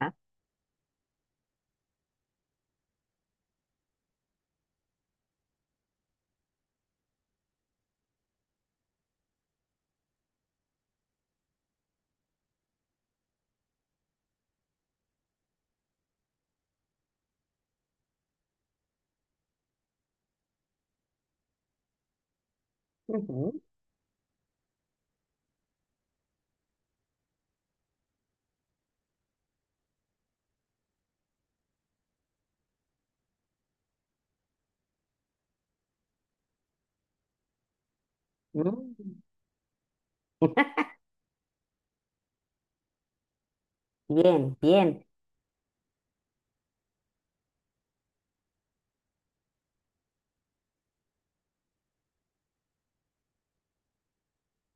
Ah, ujú, mm. Bien, bien.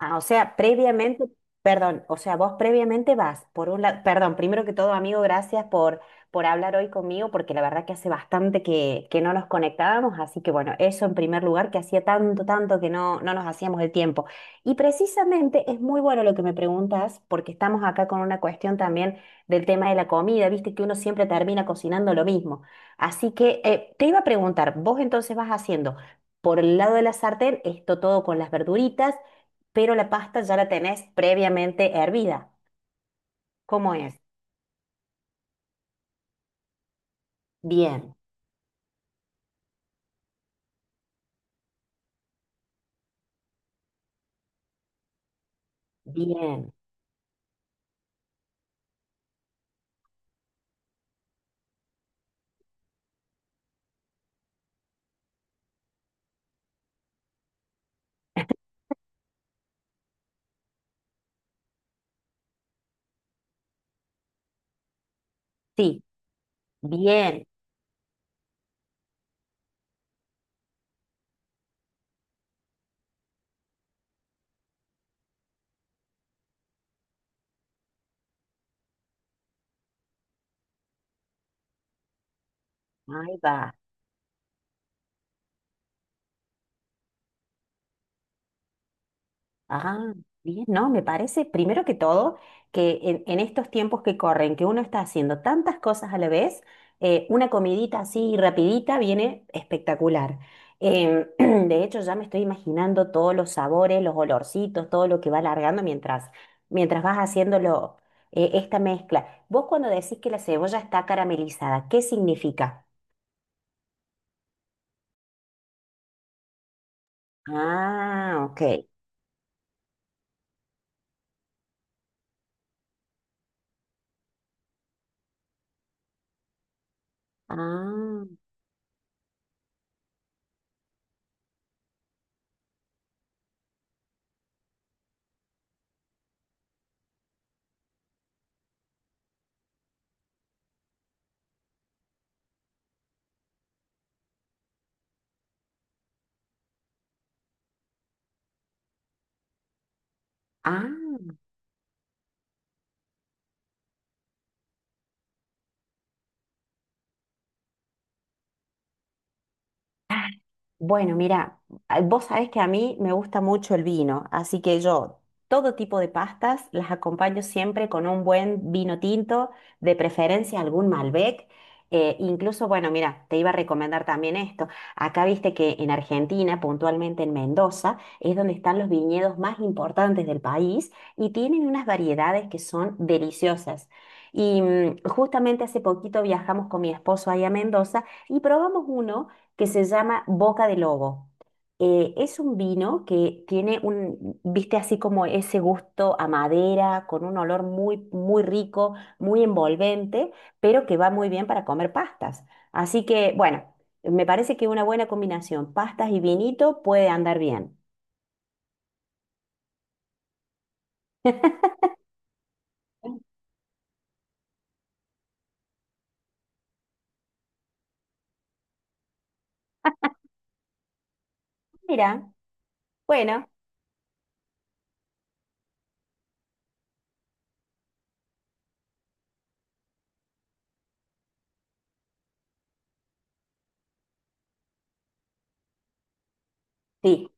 Ah, o sea, previamente, perdón, o sea, vos previamente vas, por un lado, perdón, primero que todo, amigo, gracias por hablar hoy conmigo, porque la verdad que hace bastante que no nos conectábamos, así que bueno, eso en primer lugar, que hacía tanto, tanto que no, no nos hacíamos el tiempo. Y precisamente es muy bueno lo que me preguntas, porque estamos acá con una cuestión también del tema de la comida, viste que uno siempre termina cocinando lo mismo. Así que te iba a preguntar, vos entonces vas haciendo... Por el lado de la sartén, esto todo con las verduritas, pero la pasta ya la tenés previamente hervida. ¿Cómo es? Bien, bien, sí, bien. Ahí va. Ah, bien, no, me parece primero que todo que en estos tiempos que corren, que uno está haciendo tantas cosas a la vez, una comidita así rapidita viene espectacular. Em, de hecho, ya me estoy imaginando todos los sabores, los olorcitos, todo lo que va largando mientras, mientras vas haciéndolo, esta mezcla. Vos cuando decís que la cebolla está caramelizada, ¿qué significa? Ah, ok. Ah, ah. Bueno, mira, vos sabés que a mí me gusta mucho el vino, así que yo todo tipo de pastas las acompaño siempre con un buen vino tinto, de preferencia algún Malbec. Incluso, bueno, mira, te iba a recomendar también esto. Acá viste que en Argentina, puntualmente en Mendoza, es donde están los viñedos más importantes del país y tienen unas variedades que son deliciosas. Y justamente hace poquito viajamos con mi esposo ahí a Mendoza y probamos uno que se llama Boca de Lobo. Es un vino que tiene un, viste, así como ese gusto a madera, con un olor muy, muy rico, muy envolvente, pero que va muy bien para comer pastas. Así que, bueno, me parece que una buena combinación, pastas y vinito, puede andar bien. Mira, bueno, sí,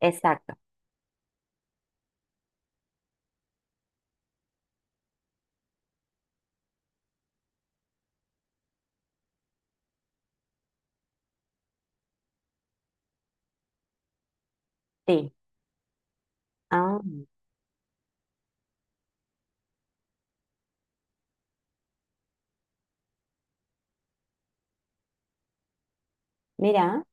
exacto, sí. Ah, mira,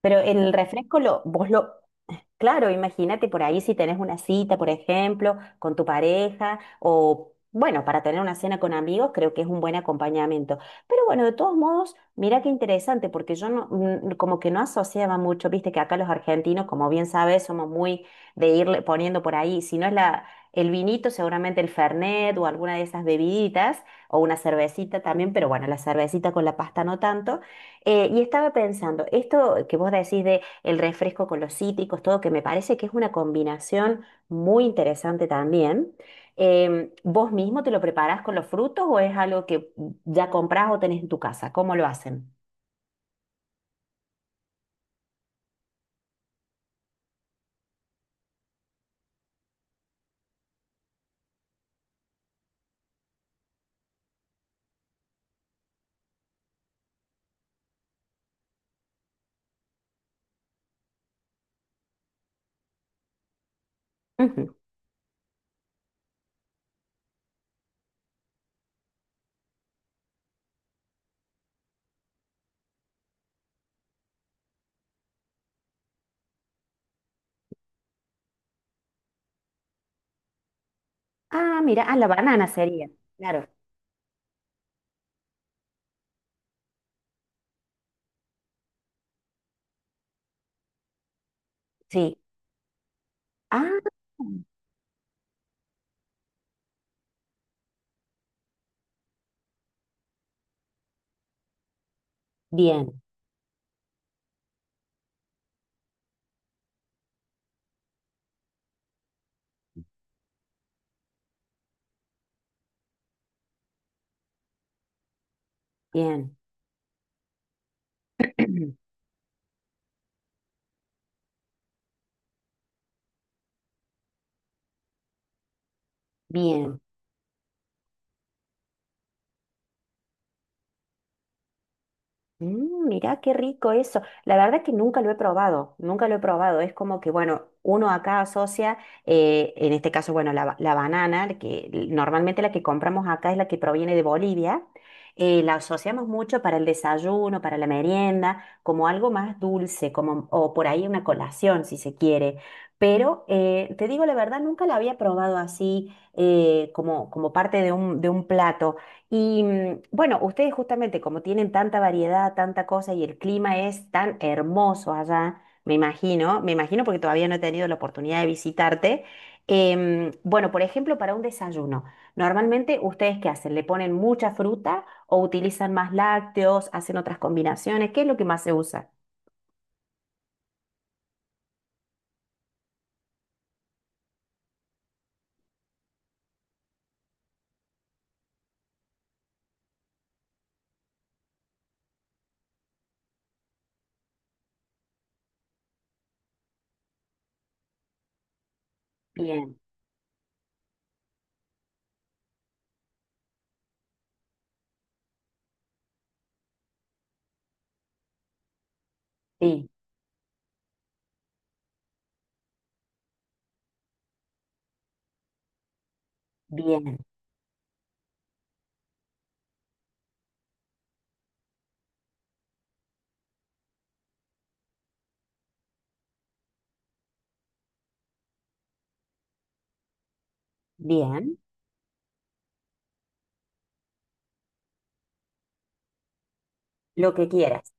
pero el refresco lo, vos lo... Claro, imagínate por ahí si tenés una cita, por ejemplo, con tu pareja o, bueno, para tener una cena con amigos, creo que es un buen acompañamiento. Pero bueno, de todos modos, mira qué interesante, porque yo no, como que no asociaba mucho, viste que acá los argentinos, como bien sabes, somos muy de irle poniendo por ahí, si no es el vinito, seguramente el Fernet o alguna de esas bebiditas o una cervecita también, pero bueno, la cervecita con la pasta no tanto. Y estaba pensando, esto que vos decís de el refresco con los cítricos, todo, que me parece que es una combinación muy interesante también. ¿Vos mismo te lo preparás con los frutos o es algo que ya comprás o tenés en tu casa? ¿Cómo lo hacen? Ujú. Ah, mira, ah, la banana sería, claro, sí. Ah, bien, bien, bien. Mirá qué rico eso. La verdad que nunca lo he probado, nunca lo he probado. Es como que, bueno, uno acá asocia, en este caso, bueno, la banana, la que normalmente la que compramos acá es la que proviene de Bolivia, la asociamos mucho para el desayuno, para la merienda, como algo más dulce, como, o por ahí una colación, si se quiere. Pero te digo la verdad, nunca la había probado así, como parte de un plato. Y bueno, ustedes justamente como tienen tanta variedad, tanta cosa y el clima es tan hermoso allá, me imagino porque todavía no he tenido la oportunidad de visitarte. Bueno, por ejemplo, para un desayuno, ¿normalmente ustedes qué hacen? ¿Le ponen mucha fruta o utilizan más lácteos, hacen otras combinaciones? ¿Qué es lo que más se usa? Bien, sí, bien, bien, lo que quieras,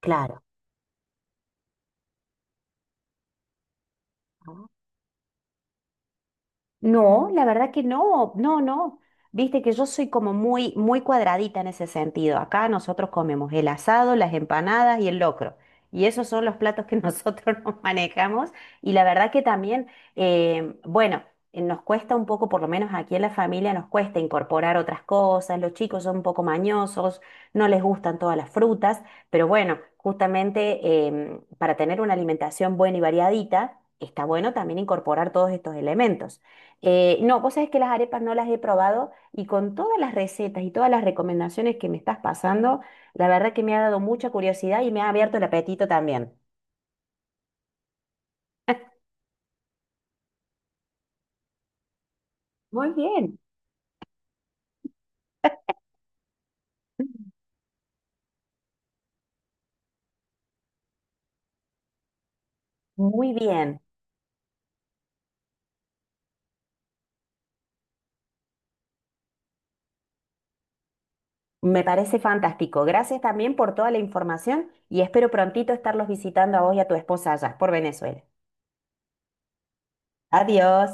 claro. No, la verdad que no, no, no. Viste que yo soy como muy, muy cuadradita en ese sentido. Acá nosotros comemos el asado, las empanadas y el locro. Y esos son los platos que nosotros nos manejamos. Y la verdad que también, bueno, nos cuesta un poco, por lo menos aquí en la familia, nos cuesta incorporar otras cosas. Los chicos son un poco mañosos, no les gustan todas las frutas. Pero bueno, justamente para tener una alimentación buena y variadita, está bueno también incorporar todos estos elementos. No, vos sabés que las arepas no las he probado y con todas las recetas y todas las recomendaciones que me estás pasando, la verdad que me ha dado mucha curiosidad y me ha abierto el apetito también. Muy bien. Muy bien, me parece fantástico. Gracias también por toda la información y espero prontito estarlos visitando a vos y a tu esposa allá por Venezuela. Adiós.